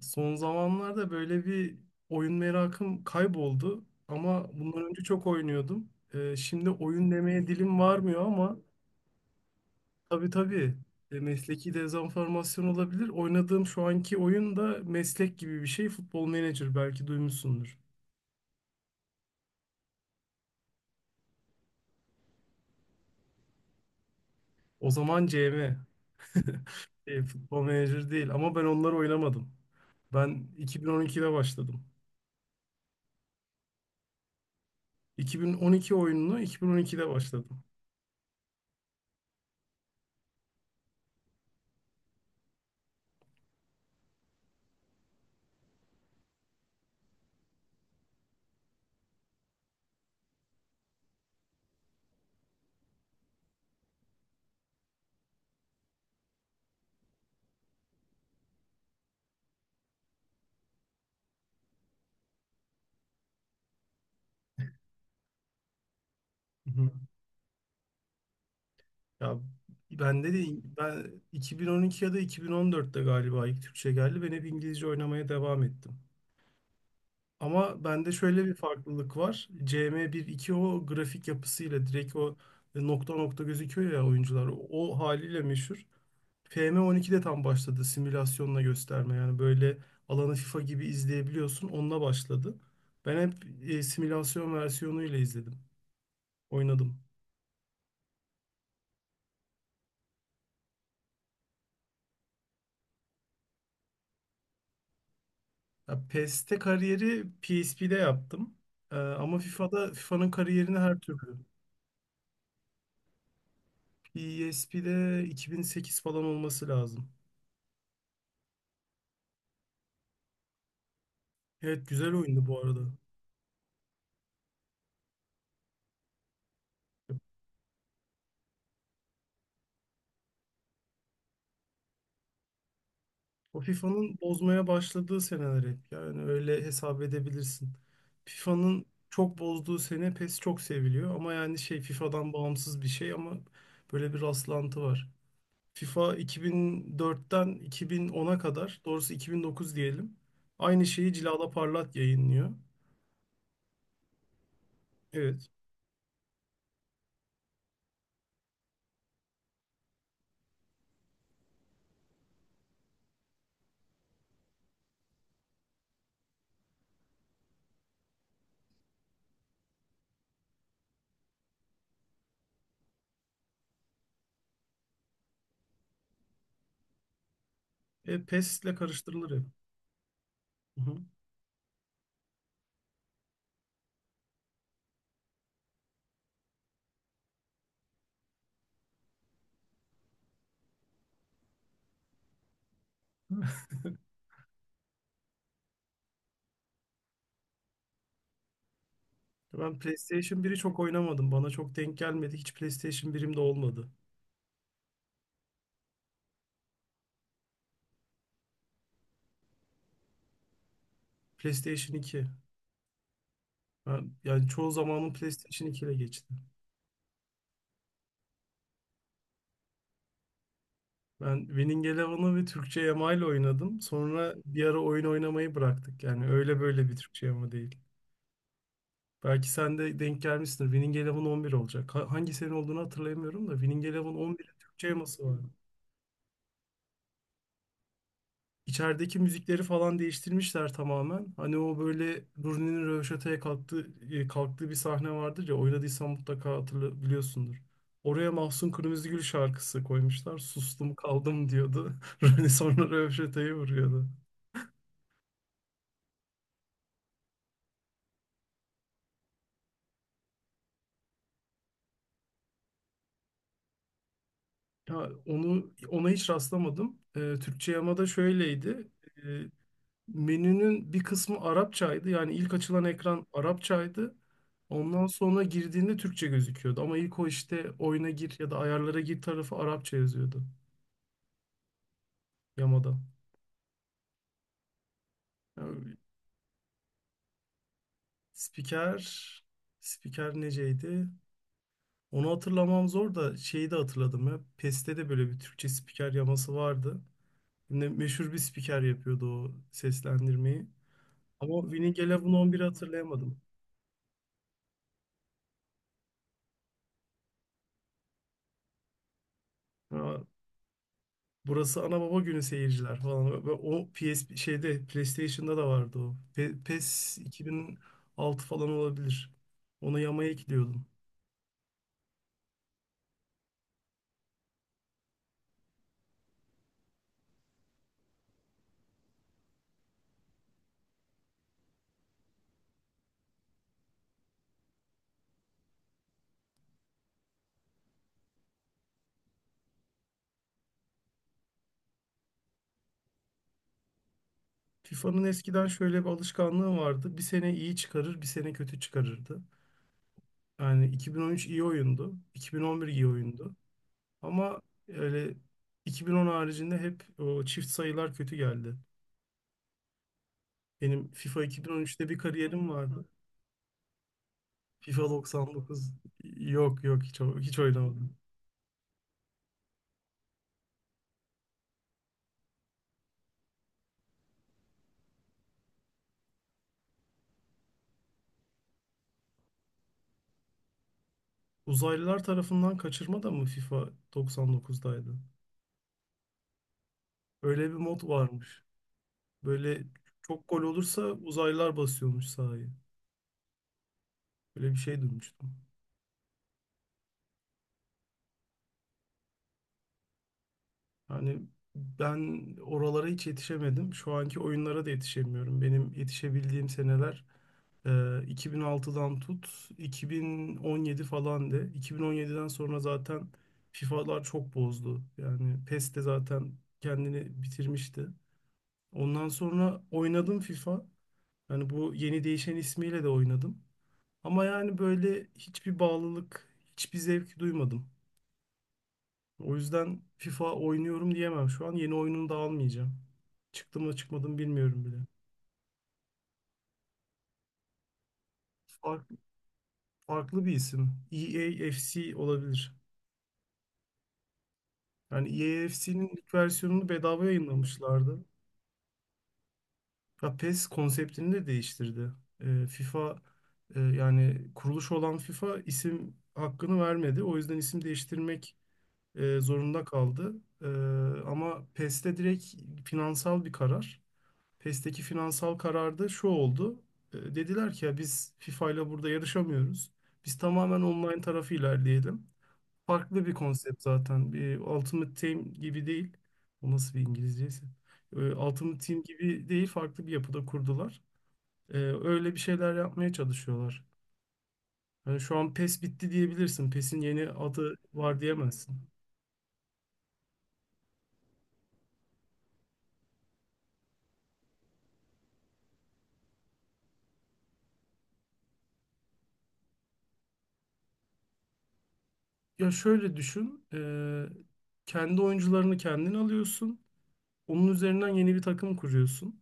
Son zamanlarda böyle bir oyun merakım kayboldu ama bundan önce çok oynuyordum. Şimdi oyun demeye dilim varmıyor ama tabii, tabii, mesleki dezenformasyon olabilir. Oynadığım şu anki oyun da meslek gibi bir şey. Futbol Manager belki duymuşsundur. O zaman CM. Futbol Manager değil ama ben onları oynamadım. Ben 2012'de başladım. 2012 oyununu 2012'de başladım. Ya, bende de ben 2012 ya da 2014'te galiba ilk Türkçe geldi. Ben hep İngilizce oynamaya devam ettim. Ama bende şöyle bir farklılık var. CM bir iki, o grafik yapısıyla direkt o nokta nokta gözüküyor ya oyuncular. O haliyle meşhur. FM12'de tam başladı simülasyonla gösterme. Yani böyle alanı FIFA gibi izleyebiliyorsun. Onunla başladı. Ben hep simülasyon versiyonuyla izledim. Oynadım. Ya, PES'te kariyeri PSP'de yaptım. Ama FIFA'da FIFA'nın kariyerini her türlü. PSP'de 2008 falan olması lazım. Evet, güzel oyundu bu arada. O FIFA'nın bozmaya başladığı seneler hep. Yani öyle hesap edebilirsin. FIFA'nın çok bozduğu sene PES çok seviliyor. Ama yani şey, FIFA'dan bağımsız bir şey ama böyle bir rastlantı var. FIFA 2004'ten 2010'a kadar, doğrusu 2009 diyelim. Aynı şeyi Cilala Parlat yayınlıyor. Evet. PES ile karıştırılır ya. Hı hı. Ben PlayStation biri çok oynamadım. Bana çok denk gelmedi. Hiç PlayStation 1'im de olmadı. PlayStation 2. Ben, yani çoğu zamanım PlayStation 2 ile geçti. Ben Winning Eleven'ı ve Türkçe Yama ile oynadım. Sonra bir ara oyun oynamayı bıraktık. Yani öyle böyle bir Türkçe Yama değil. Belki sen de denk gelmişsindir. Winning Eleven 11 olacak. Hangi sene olduğunu hatırlayamıyorum da Winning Eleven 11'in Türkçe Yaması var. İçerideki müzikleri falan değiştirmişler tamamen. Hani o böyle Rooney'nin röveşataya kalktığı, kalktığı bir sahne vardır ya, oynadıysan mutlaka hatırla biliyorsundur. Oraya Mahsun Kırmızıgül şarkısı koymuşlar. Sustum kaldım diyordu. Rooney sonra röveşatayı vuruyordu. Ya, onu ona hiç rastlamadım. Türkçe yamada şöyleydi. E, Menünün bir kısmı Arapçaydı. Yani ilk açılan ekran Arapçaydı. Ondan sonra girdiğinde Türkçe gözüküyordu. Ama ilk o işte oyuna gir ya da ayarlara gir tarafı Arapça yazıyordu yamada. Yani spiker, spiker neceydi? Onu hatırlamam zor da şeyi de hatırladım ya. PES'te de böyle bir Türkçe spiker yaması vardı. Yine meşhur bir spiker yapıyordu o seslendirmeyi. Ama Winning Eleven 11'i hatırlayamadım. Ha, burası ana baba günü, seyirciler falan. Ve o PS şeyde, PlayStation'da da vardı o. PES 2006 falan olabilir. Onu yamaya ekliyordum. FIFA'nın eskiden şöyle bir alışkanlığı vardı. Bir sene iyi çıkarır, bir sene kötü çıkarırdı. Yani 2013 iyi oyundu, 2011 iyi oyundu. Ama öyle 2010 haricinde hep o çift sayılar kötü geldi. Benim FIFA 2013'te bir kariyerim vardı. FIFA 99, yok yok, hiç oynamadım. Uzaylılar tarafından kaçırma da mı FIFA 99'daydı? Öyle bir mod varmış. Böyle çok gol olursa uzaylılar basıyormuş sahayı. Böyle bir şey duymuştum. Yani ben oralara hiç yetişemedim. Şu anki oyunlara da yetişemiyorum. Benim yetişebildiğim seneler 2006'dan tut 2017 falan de. 2017'den sonra zaten FIFA'lar çok bozdu. Yani PES de zaten kendini bitirmişti. Ondan sonra oynadım FIFA. Hani bu yeni değişen ismiyle de oynadım. Ama yani böyle hiçbir bağlılık, hiçbir zevk duymadım. O yüzden FIFA oynuyorum diyemem. Şu an yeni oyununu da almayacağım. Çıktı mı çıkmadı mı bilmiyorum bile. Farklı, farklı bir isim. EAFC olabilir. Yani EAFC'nin ilk versiyonunu bedava yayınlamışlardı. Ya PES konseptini de değiştirdi. FIFA, yani kuruluş olan FIFA isim hakkını vermedi. O yüzden isim değiştirmek zorunda kaldı. E, Ama PES'te direkt finansal bir karar. PES'teki finansal kararda şu oldu. Dediler ki ya biz FIFA ile burada yarışamıyoruz. Biz tamamen online tarafı ilerleyelim. Farklı bir konsept zaten. Bir Ultimate Team gibi değil. O nasıl bir İngilizceyse. Ultimate Team gibi değil, farklı bir yapıda kurdular. Öyle bir şeyler yapmaya çalışıyorlar. Yani şu an PES bitti diyebilirsin. PES'in yeni adı var diyemezsin. Ya şöyle düşün, kendi oyuncularını kendin alıyorsun, onun üzerinden yeni bir takım kuruyorsun.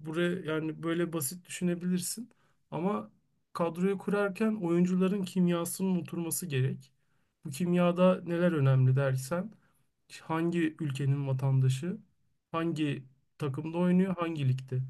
Buraya yani böyle basit düşünebilirsin ama kadroyu kurarken oyuncuların kimyasının oturması gerek. Bu kimyada neler önemli dersen, hangi ülkenin vatandaşı, hangi takımda oynuyor, hangi ligde.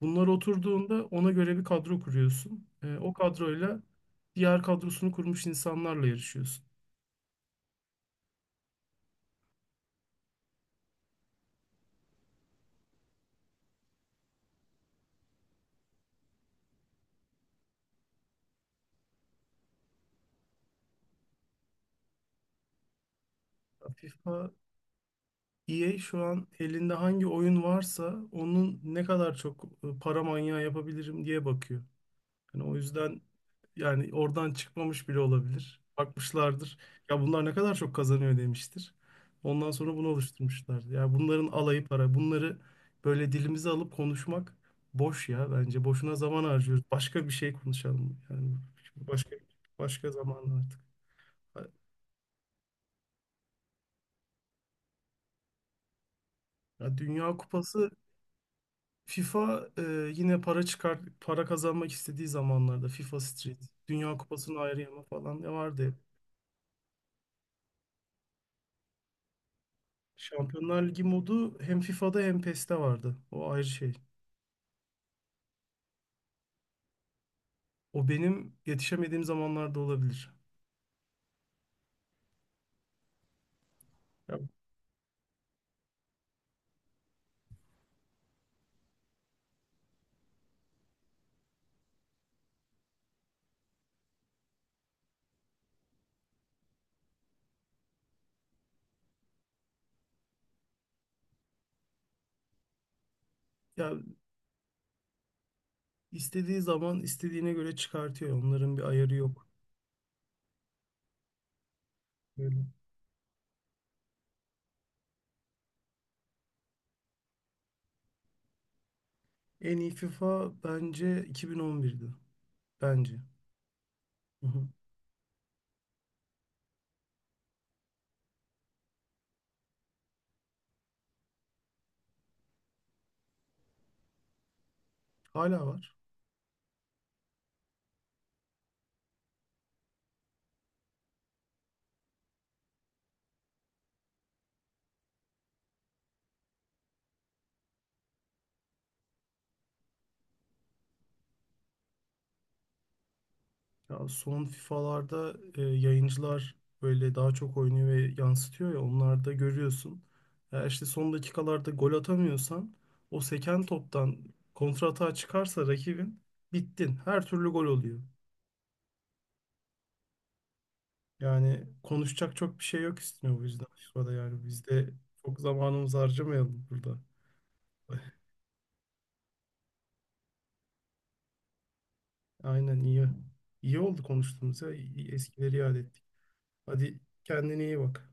Bunlar oturduğunda ona göre bir kadro kuruyorsun. O kadroyla diğer kadrosunu kurmuş insanlarla yarışıyorsun. FIFA, EA şu an elinde hangi oyun varsa onun ne kadar çok para manyağı yapabilirim diye bakıyor. Yani o yüzden, yani oradan çıkmamış bile olabilir. Bakmışlardır. Ya bunlar ne kadar çok kazanıyor demiştir. Ondan sonra bunu oluşturmuşlar. Ya bunların alayı para. Bunları böyle dilimize alıp konuşmak boş ya, bence. Boşuna zaman harcıyoruz. Başka bir şey konuşalım. Yani başka başka zaman artık. Ya, Dünya Kupası. FIFA yine para çıkar para kazanmak istediği zamanlarda FIFA Street, Dünya Kupası'nı ayrı yana falan ne vardı hep. Şampiyonlar Ligi modu hem FIFA'da hem PES'te vardı. O ayrı şey. O benim yetişemediğim zamanlarda olabilir. Ya, ya istediği zaman istediğine göre çıkartıyor. Onların bir ayarı yok. Böyle. En iyi FIFA bence 2011'di. Bence. Hı hı. Hala var. Ya son FIFA'larda yayıncılar böyle daha çok oynuyor ve yansıtıyor ya, onlarda görüyorsun. Ya işte son dakikalarda gol atamıyorsan, o seken toptan kontratağa çıkarsa rakibin, bittin. Her türlü gol oluyor. Yani konuşacak çok bir şey yok, istiyor bu yüzden FIFA'da, yani biz de çok zamanımızı harcamayalım burada. Aynen, iyi. İyi oldu konuştuğumuz ya. Eskileri yad ettik. Hadi kendine iyi bak.